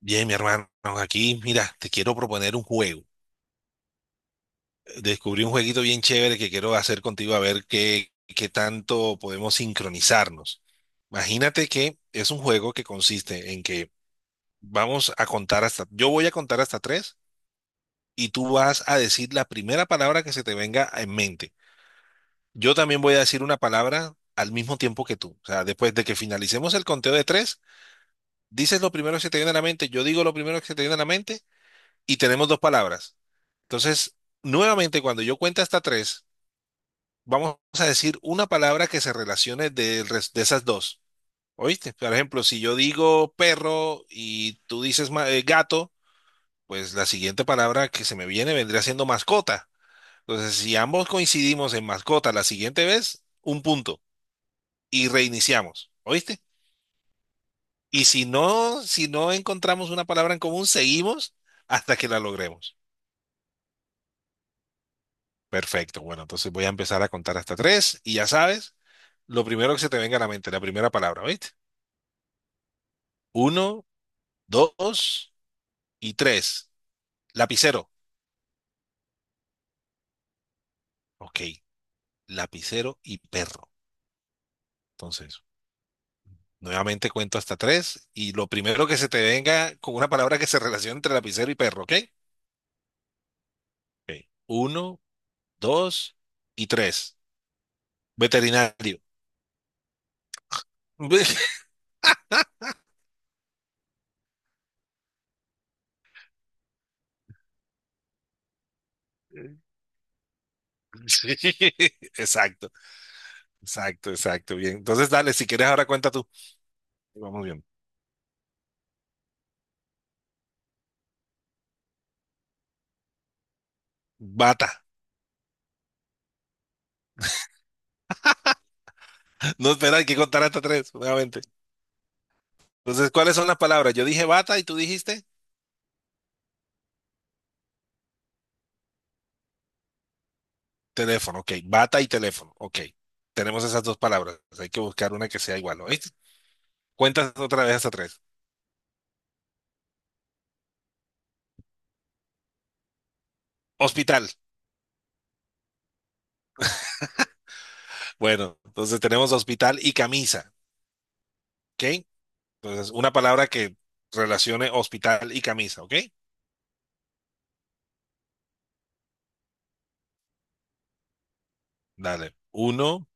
Bien, mi hermano, aquí, mira, te quiero proponer un juego. Descubrí un jueguito bien chévere que quiero hacer contigo a ver qué tanto podemos sincronizarnos. Imagínate que es un juego que consiste en que vamos a contar hasta, yo voy a contar hasta tres y tú vas a decir la primera palabra que se te venga en mente. Yo también voy a decir una palabra al mismo tiempo que tú. O sea, después de que finalicemos el conteo de tres, dices lo primero que se te viene a la mente, yo digo lo primero que se te viene a la mente y tenemos dos palabras. Entonces, nuevamente, cuando yo cuente hasta tres, vamos a decir una palabra que se relacione de esas dos. ¿Oíste? Por ejemplo, si yo digo perro y tú dices gato, pues la siguiente palabra que se me viene vendría siendo mascota. Entonces, si ambos coincidimos en mascota la siguiente vez, un punto y reiniciamos. ¿Oíste? Y si no encontramos una palabra en común, seguimos hasta que la logremos. Perfecto. Bueno, entonces voy a empezar a contar hasta tres y ya sabes. Lo primero que se te venga a la mente, la primera palabra, ¿viste? Uno, dos y tres. Lapicero. Ok, lapicero y perro. Entonces, nuevamente cuento hasta tres y lo primero que se te venga con una palabra que se relacione entre lapicero y perro, ¿ok? Ok. Uno, dos y tres. Veterinario. Sí, exacto, exacto, exacto. Bien. Entonces, dale, si quieres, ahora cuenta tú. Vamos bien. Bata. No, espera, hay que contar hasta tres, nuevamente. Entonces, ¿cuáles son las palabras? Yo dije bata y tú dijiste teléfono. Ok, bata y teléfono. Ok, tenemos esas dos palabras. Hay que buscar una que sea igual. ¿Oíste? Cuentas otra vez hasta tres. Hospital. Bueno, entonces tenemos hospital y camisa. Ok, entonces una palabra que relacione hospital y camisa. Ok, dale. Uno,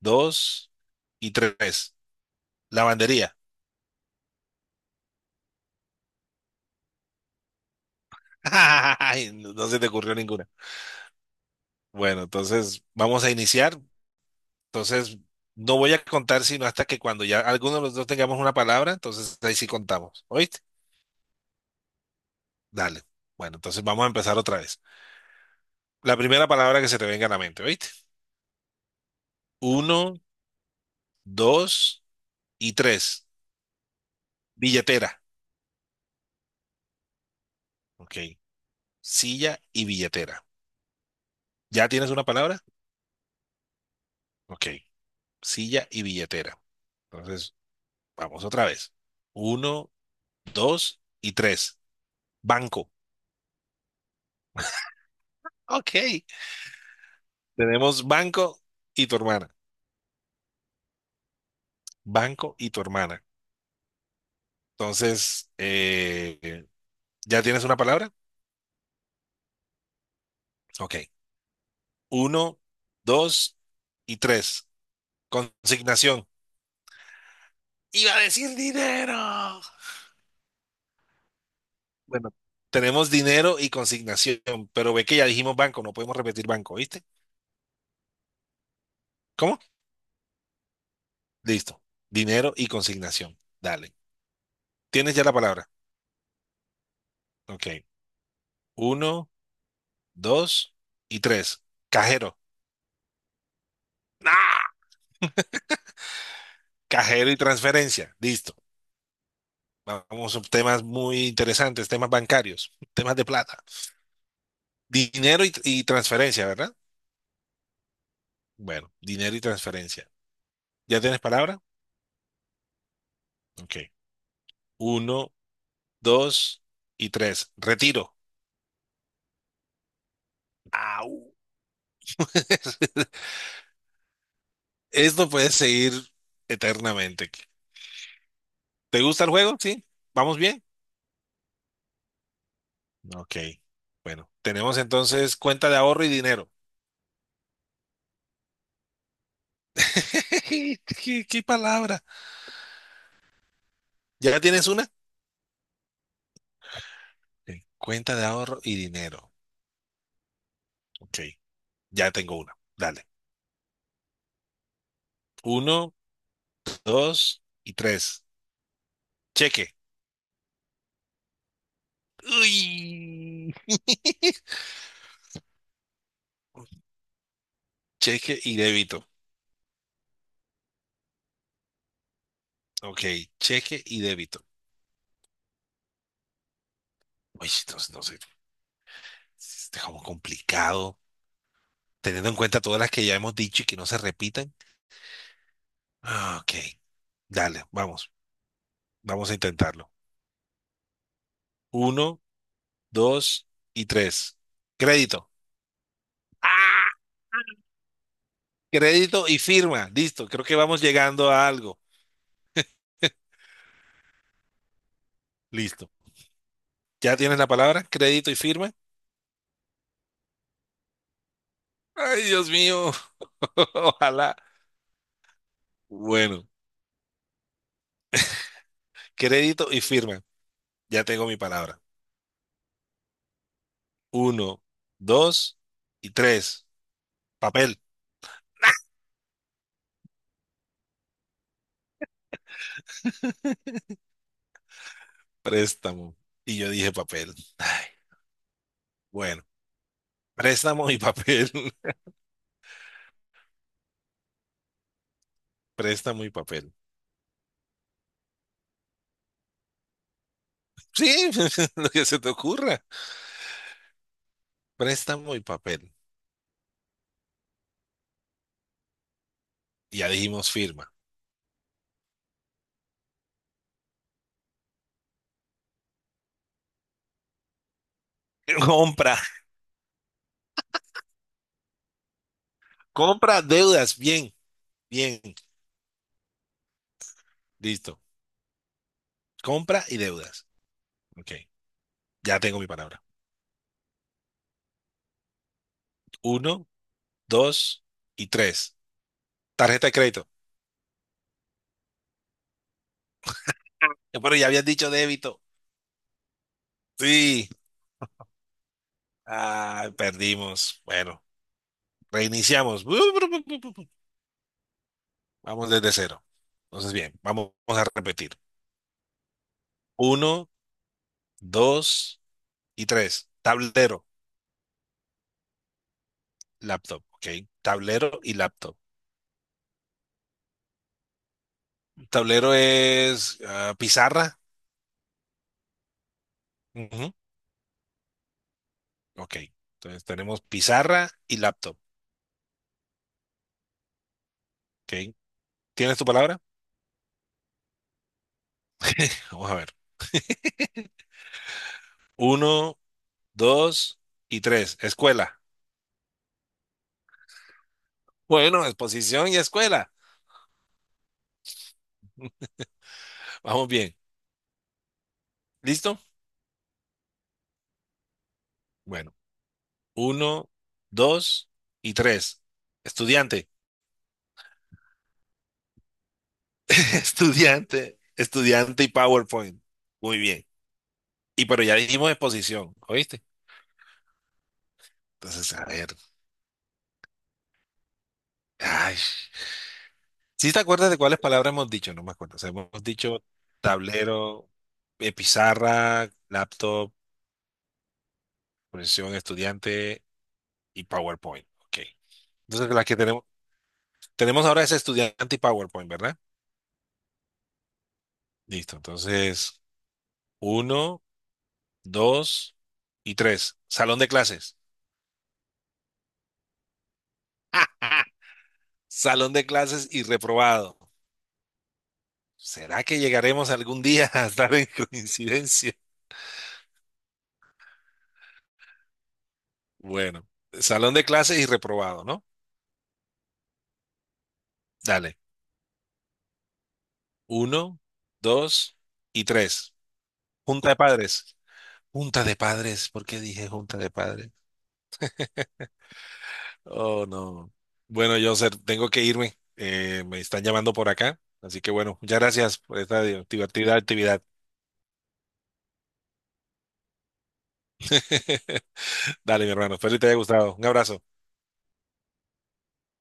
dos y tres. Lavandería. Ay, no se te ocurrió ninguna. Bueno, entonces vamos a iniciar. Entonces, no voy a contar sino hasta que cuando ya alguno de los dos tengamos una palabra, entonces ahí sí contamos. ¿Oíste? Dale. Bueno, entonces vamos a empezar otra vez. La primera palabra que se te venga a la mente, ¿oíste? Uno, dos y tres. Billetera. Ok. Silla y billetera. ¿Ya tienes una palabra? Ok. Silla y billetera. Entonces, vamos otra vez. Uno, dos y tres. Banco. Ok. Tenemos banco y tu hermana. Banco y tu hermana. Entonces, ¿ya tienes una palabra? Ok. Uno, dos y tres. Consignación. Iba a decir dinero. Bueno, tenemos dinero y consignación, pero ve que ya dijimos banco, no podemos repetir banco, ¿viste? ¿Cómo? Listo. Dinero y consignación. Dale. Tienes ya la palabra. Ok. Uno, dos y tres. Cajero. ¡Ah! Cajero y transferencia. Listo. Vamos a temas muy interesantes, temas bancarios, temas de plata. Dinero y transferencia, ¿verdad? Bueno, dinero y transferencia. ¿Ya tienes palabra? Ok. Uno, dos y tres. Retiro. Au. Esto puede seguir eternamente. ¿Te gusta el juego? ¿Sí? ¿Vamos bien? Ok. Bueno, tenemos entonces cuenta de ahorro y dinero. ¿Qué palabra? ¿Ya tienes una? Ok, cuenta de ahorro y dinero. Ok. Ya tengo una. Dale. Uno, dos y tres. Cheque. Uy. Cheque y débito. Ok, cheque y débito. Uy, entonces, no sé, está como complicado, teniendo en cuenta todas las que ya hemos dicho y que no se repitan. Ah, ok, dale, vamos, vamos a intentarlo. Uno, dos y tres. Crédito. ¡Ah! Crédito y firma. Listo, creo que vamos llegando a algo. Listo. ¿Ya tienes la palabra? Crédito y firma. Ay, Dios mío. Ojalá. Bueno, crédito y firma. Ya tengo mi palabra. Uno, dos y tres. Papel, préstamo. Y yo dije papel. Ay, bueno, préstamo y papel. Préstamo y papel. Sí, lo que se te ocurra. Préstamo y papel. Y ya dijimos firma. Compra, compra, deudas. Bien, bien. Listo. Compra y deudas. Ok, ya tengo mi palabra. Uno, dos y tres. Tarjeta de crédito. Pero ya habías dicho débito. Sí. Ah, perdimos. Bueno, reiniciamos. Vamos desde cero. Entonces, bien, vamos a repetir. Uno, dos y tres. Tablero, laptop. Ok, tablero y laptop. Tablero es pizarra. Ujú, ok, entonces tenemos pizarra y laptop. Ok, ¿tienes tu palabra? Vamos a ver. Uno, dos y tres. Escuela. Bueno, exposición y escuela. Vamos bien. ¿Listo? Bueno. Uno, dos y tres. Estudiante, estudiante y PowerPoint. Muy bien. Y pero ya dijimos exposición, ¿oíste? Entonces, a ver. Ay. ¿Sí te acuerdas de cuáles palabras hemos dicho? No me acuerdo. O sea, hemos dicho tablero, pizarra, laptop, posición estudiante y PowerPoint. Ok. Entonces, las que tenemos, tenemos ahora es estudiante y PowerPoint, ¿verdad? Listo. Entonces, uno, dos y tres. Salón de clases. Salón de clases y reprobado. ¿Será que llegaremos algún día a estar en coincidencia? Bueno, salón de clases y reprobado, ¿no? Dale. Uno, dos y tres. Junta de padres. Junta de padres. ¿Por qué dije junta de padres? Oh, no. Bueno, yo tengo que irme. Me están llamando por acá. Así que bueno, muchas gracias por esta divertida actividad. Dale, mi hermano. Espero que te haya gustado. Un abrazo.